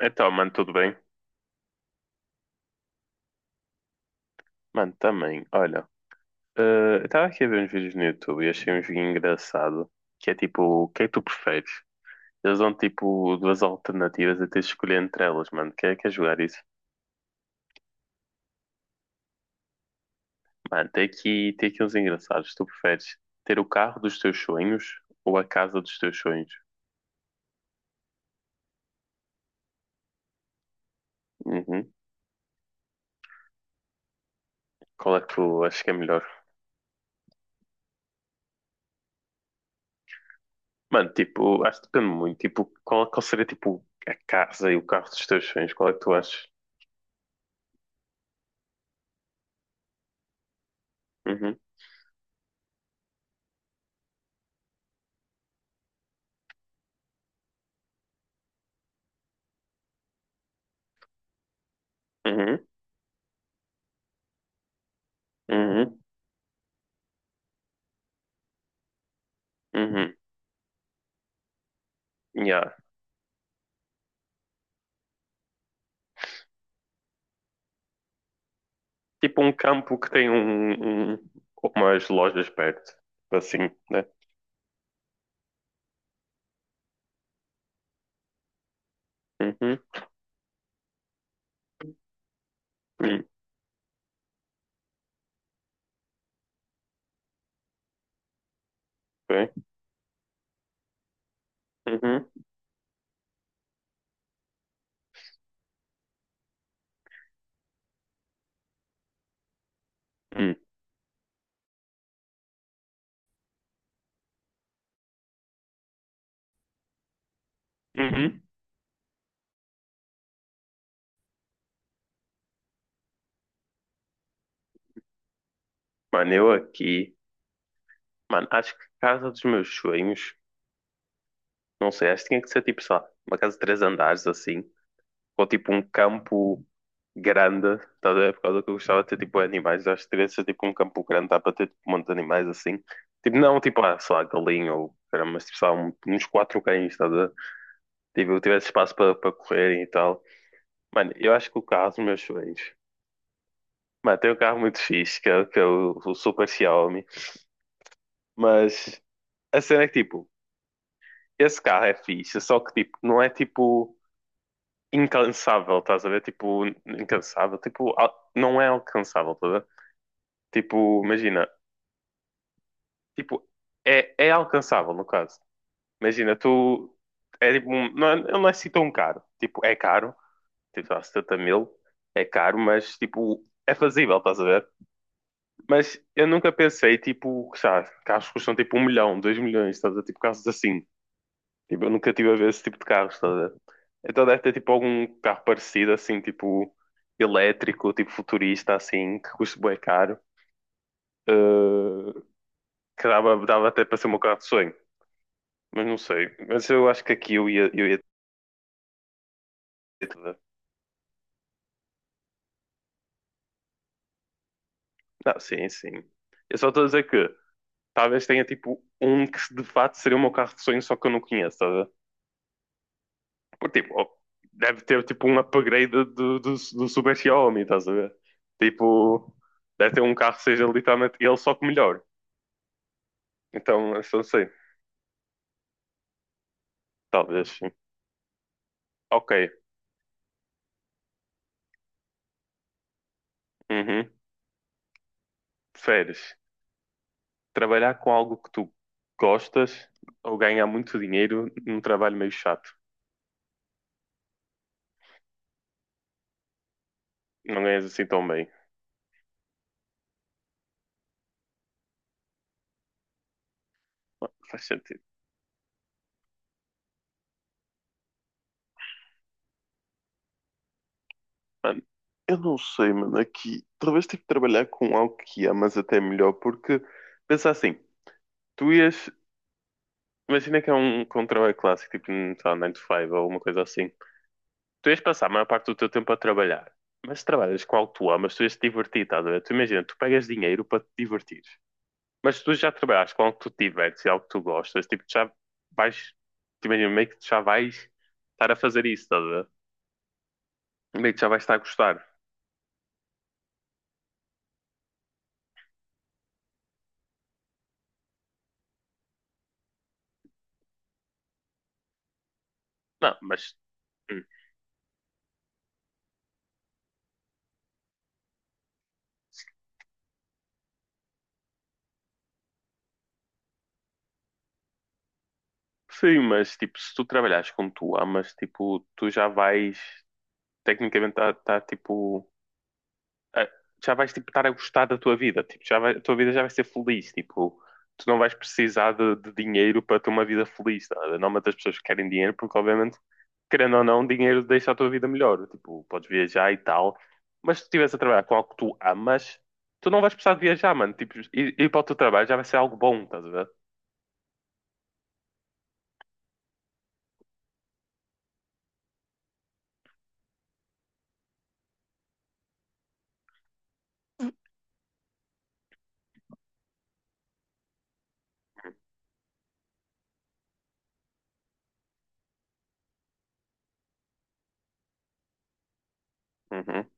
Então, mano, tudo bem? Mano, também, olha, eh, eu estava aqui a ver uns vídeos no YouTube e achei um joguinho engraçado, que é tipo, o que é que tu preferes? Eles dão tipo duas alternativas a teres de escolher entre elas, mano, quer jogar isso? Mano, tem aqui uns engraçados, tu preferes ter o carro dos teus sonhos ou a casa dos teus sonhos? Uhum. Qual é que tu achas que é melhor? Mano, tipo, acho que depende muito, tipo, qual seria tipo a casa e o carro dos teus sonhos? Qual é que tu achas? Uhum, uhum, uhum, uhum. Yeah. Tipo um campo que tem umas lojas perto. Assim, né? Uhum. Hum. Bem. Uhum. Hum. Uhum. Mano, eu aqui. Mano, acho que a casa dos meus sonhos. Não sei, acho que tinha que ser tipo, sei lá, uma casa de três andares assim. Ou tipo um campo grande. Tá, a ver? Por causa que eu gostava de ter tipo animais. Acho que teria de ser tipo um campo grande. Dá para ter tipo, um monte de animais assim. Tipo, não tipo, ah, sei lá, galinha ou. Caramba, mas tipo, sei lá, uns quatro cães, tá? A ver? Tipo, eu tivesse espaço para correrem e tal. Mano, eu acho que o carro dos meus sonhos. Mano, tem um carro muito fixe, que é o Super Xiaomi. Mas a cena é que, tipo, esse carro é fixe, só que, tipo, não é, tipo, incansável, estás a ver? Tipo, incansável. Tipo, não é alcançável, estás a ver? Tipo, imagina. Tipo, é alcançável, no caso. Imagina, tu. É tipo, não, não é assim tão caro. Tipo, é caro. Tipo, dá 70 mil. É caro, mas, tipo, é fazível, estás a ver? Mas eu nunca pensei, tipo, sabe, carros que custam tipo um milhão, dois milhões, estás a ver? Tipo, carros assim. Tipo, eu nunca tive a ver esse tipo de carros, estás a ver? Então deve ter tipo algum carro parecido, assim, tipo, elétrico, tipo futurista, assim, que custa bué caro. eh, que dava até para ser o meu carro de sonho. Mas não sei. Mas eu acho que aqui eu ia ter tudo. Não, sim, sim. Eu só estou a dizer que talvez tenha tipo um que de fato seria o meu carro de sonho, só que eu não conheço, estás. Porque, tipo, deve ter tipo um upgrade do Super Xiaomi, estás a ver? Tipo, deve ter um carro que seja literalmente ele só que melhor. Então, eu só sei, talvez sim. Ok. Uhum. Preferes trabalhar com algo que tu gostas ou ganhar muito dinheiro num trabalho meio chato? Não ganhas assim tão bem. Mano, faz sentido. Mano, eu não sei, mano. Aqui, talvez tive que trabalhar com algo que amas até melhor, porque pensa assim, tu ias. Imagina que é um que um trabalho clássico, tipo, sei lá, 9 to 5 ou uma coisa assim. Tu ias passar a maior parte do teu tempo a trabalhar, mas trabalhas com algo que tu amas, tu ias te divertir, estás a ver? Tu imagina, tu pegas dinheiro para te divertir, mas se tu já trabalhas com algo que tu te divertes e algo que tu gostas, tipo, tu já vais, tu imagina, meio que tu já vais estar a fazer isso, estás a ver? Meio que já vais estar a gostar. Não, mas, hum, sim, mas, tipo, se tu trabalhares com o que tu amas, tipo, tu já vais, tecnicamente, estar, tá, tá, tipo, ah, já vais tipo, estar a gostar da tua vida, tipo, a tua vida já vai ser feliz, tipo, tu não vais precisar de dinheiro para ter uma vida feliz, tá? Não matas as pessoas que querem dinheiro, porque obviamente, querendo ou não, dinheiro deixa a tua vida melhor, tipo, podes viajar e tal, mas se tu estiveres a trabalhar com algo que tu amas, tu não vais precisar de viajar, mano, tipo, ir para o teu trabalho já vai ser algo bom, estás a ver? Uhum.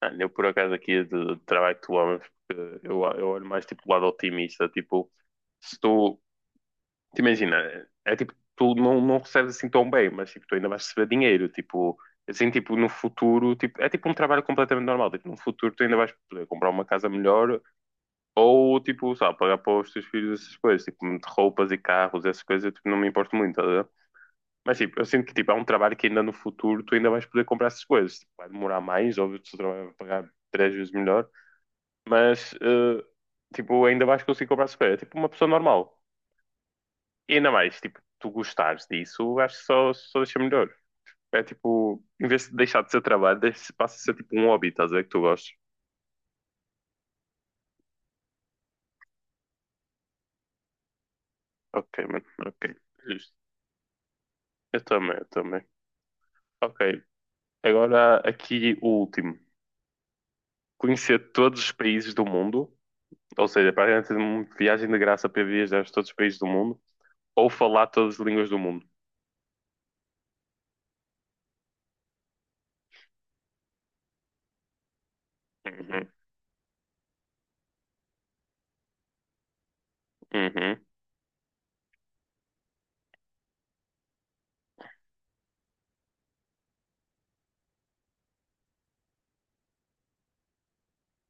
Mano, eu por acaso aqui de trabalho que tu amas, porque eu olho mais tipo o lado otimista, tipo, se tu te imagina, é tipo, tu não recebes assim tão bem, mas tipo, tu ainda vais receber dinheiro, tipo, assim, tipo, no futuro, tipo, é tipo um trabalho completamente normal, tipo, no futuro tu ainda vais poder comprar uma casa melhor ou, tipo, sabe, pagar para os teus filhos essas coisas, tipo, de roupas e carros, essas coisas, eu, tipo, não me importo muito, tá a ver? Mas, tipo, eu sinto que, tipo, é um trabalho que ainda no futuro tu ainda vais poder comprar essas coisas, tipo, vai demorar mais, óbvio, que o teu trabalho vai pagar três vezes melhor, mas, tipo, ainda vais conseguir comprar essas coisas, é tipo uma pessoa normal. E ainda mais, tipo, tu gostares disso, acho que só deixa melhor. É tipo, em vez de deixar de ser trabalho, passa a ser tipo um hobby, estás a ver que tu gostas. Ok, mano, ok. Justo. Eu também, eu também. Ok, agora aqui o último. Conhecer todos os países do mundo, ou seja, para praticamente uma viagem de graça para viajar a todos os países do mundo, ou falar todas as línguas do mundo. Uhum. Uhum.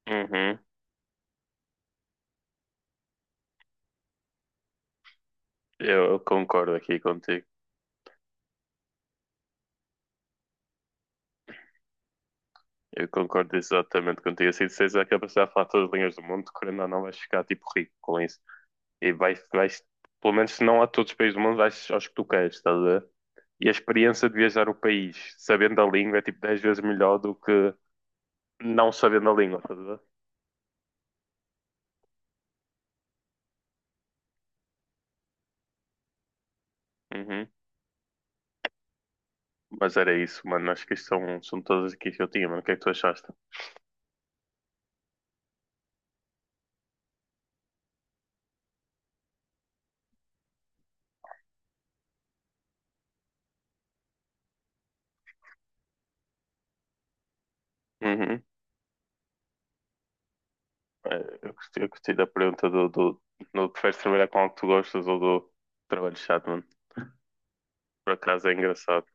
Uhum. Eu concordo aqui contigo. Eu concordo exatamente contigo. Assim, se és a capacidade de falar todas as línguas do mundo, querendo ou não, vais ficar tipo rico com isso. E vais, pelo menos se não a todos os países do mundo, vais aos que tu queres, estás a ver? E a experiência de viajar o país sabendo a língua é tipo 10 vezes melhor do que não sabendo a língua, estás a ver? Uhum. Mas era isso, mano. Acho que isto são todas aqui que eu tinha, mano. O que é que tu achaste? Uhum. Eu gostei da pergunta do preferes trabalhar com algo que tu gostas ou do trabalho chato, mano. Por acaso é engraçado.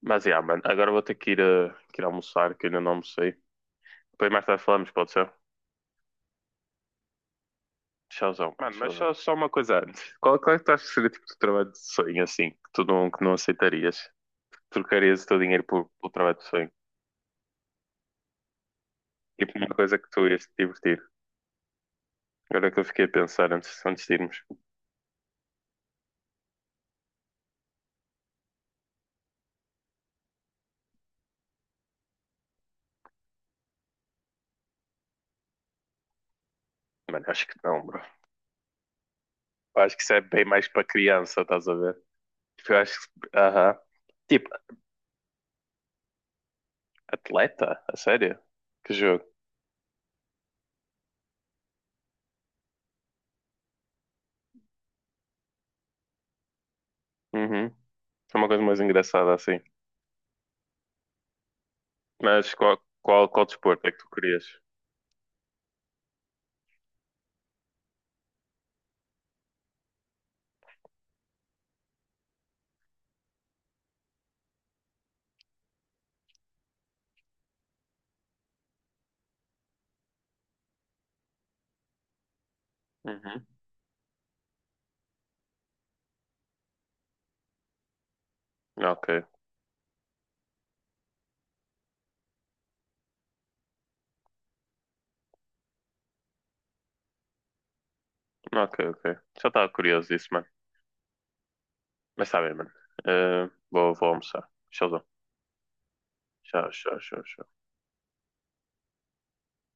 Mas yeah, mano, agora vou ter que ir, que ir almoçar, que ainda não almocei. Depois mais tarde falamos, pode ser? Tchauzão. Mano, mas tchauzão. Só uma coisa antes. Qual é que tu achas que seria o tipo de trabalho de sonho, assim, que não aceitarias? Trocarias o teu dinheiro pelo trabalho de sonho? Tipo, uma coisa que tu ias te divertir. Agora que eu fiquei a pensar antes de irmos. Mano, acho que não, bro. Eu acho que isso é bem mais para criança, estás a ver? Tipo, eu acho que... Aham. Tipo, atleta? A sério? Que jogo? Uhum. É uma coisa mais engraçada, assim. Mas qual desporto é que tu querias? Uhum. Ok, ok, ok. Já estava curioso disso, mano. Mas está bem, mano. Vou almoçar. Tchauzão. Tchau, tchau, tchau. Tchau.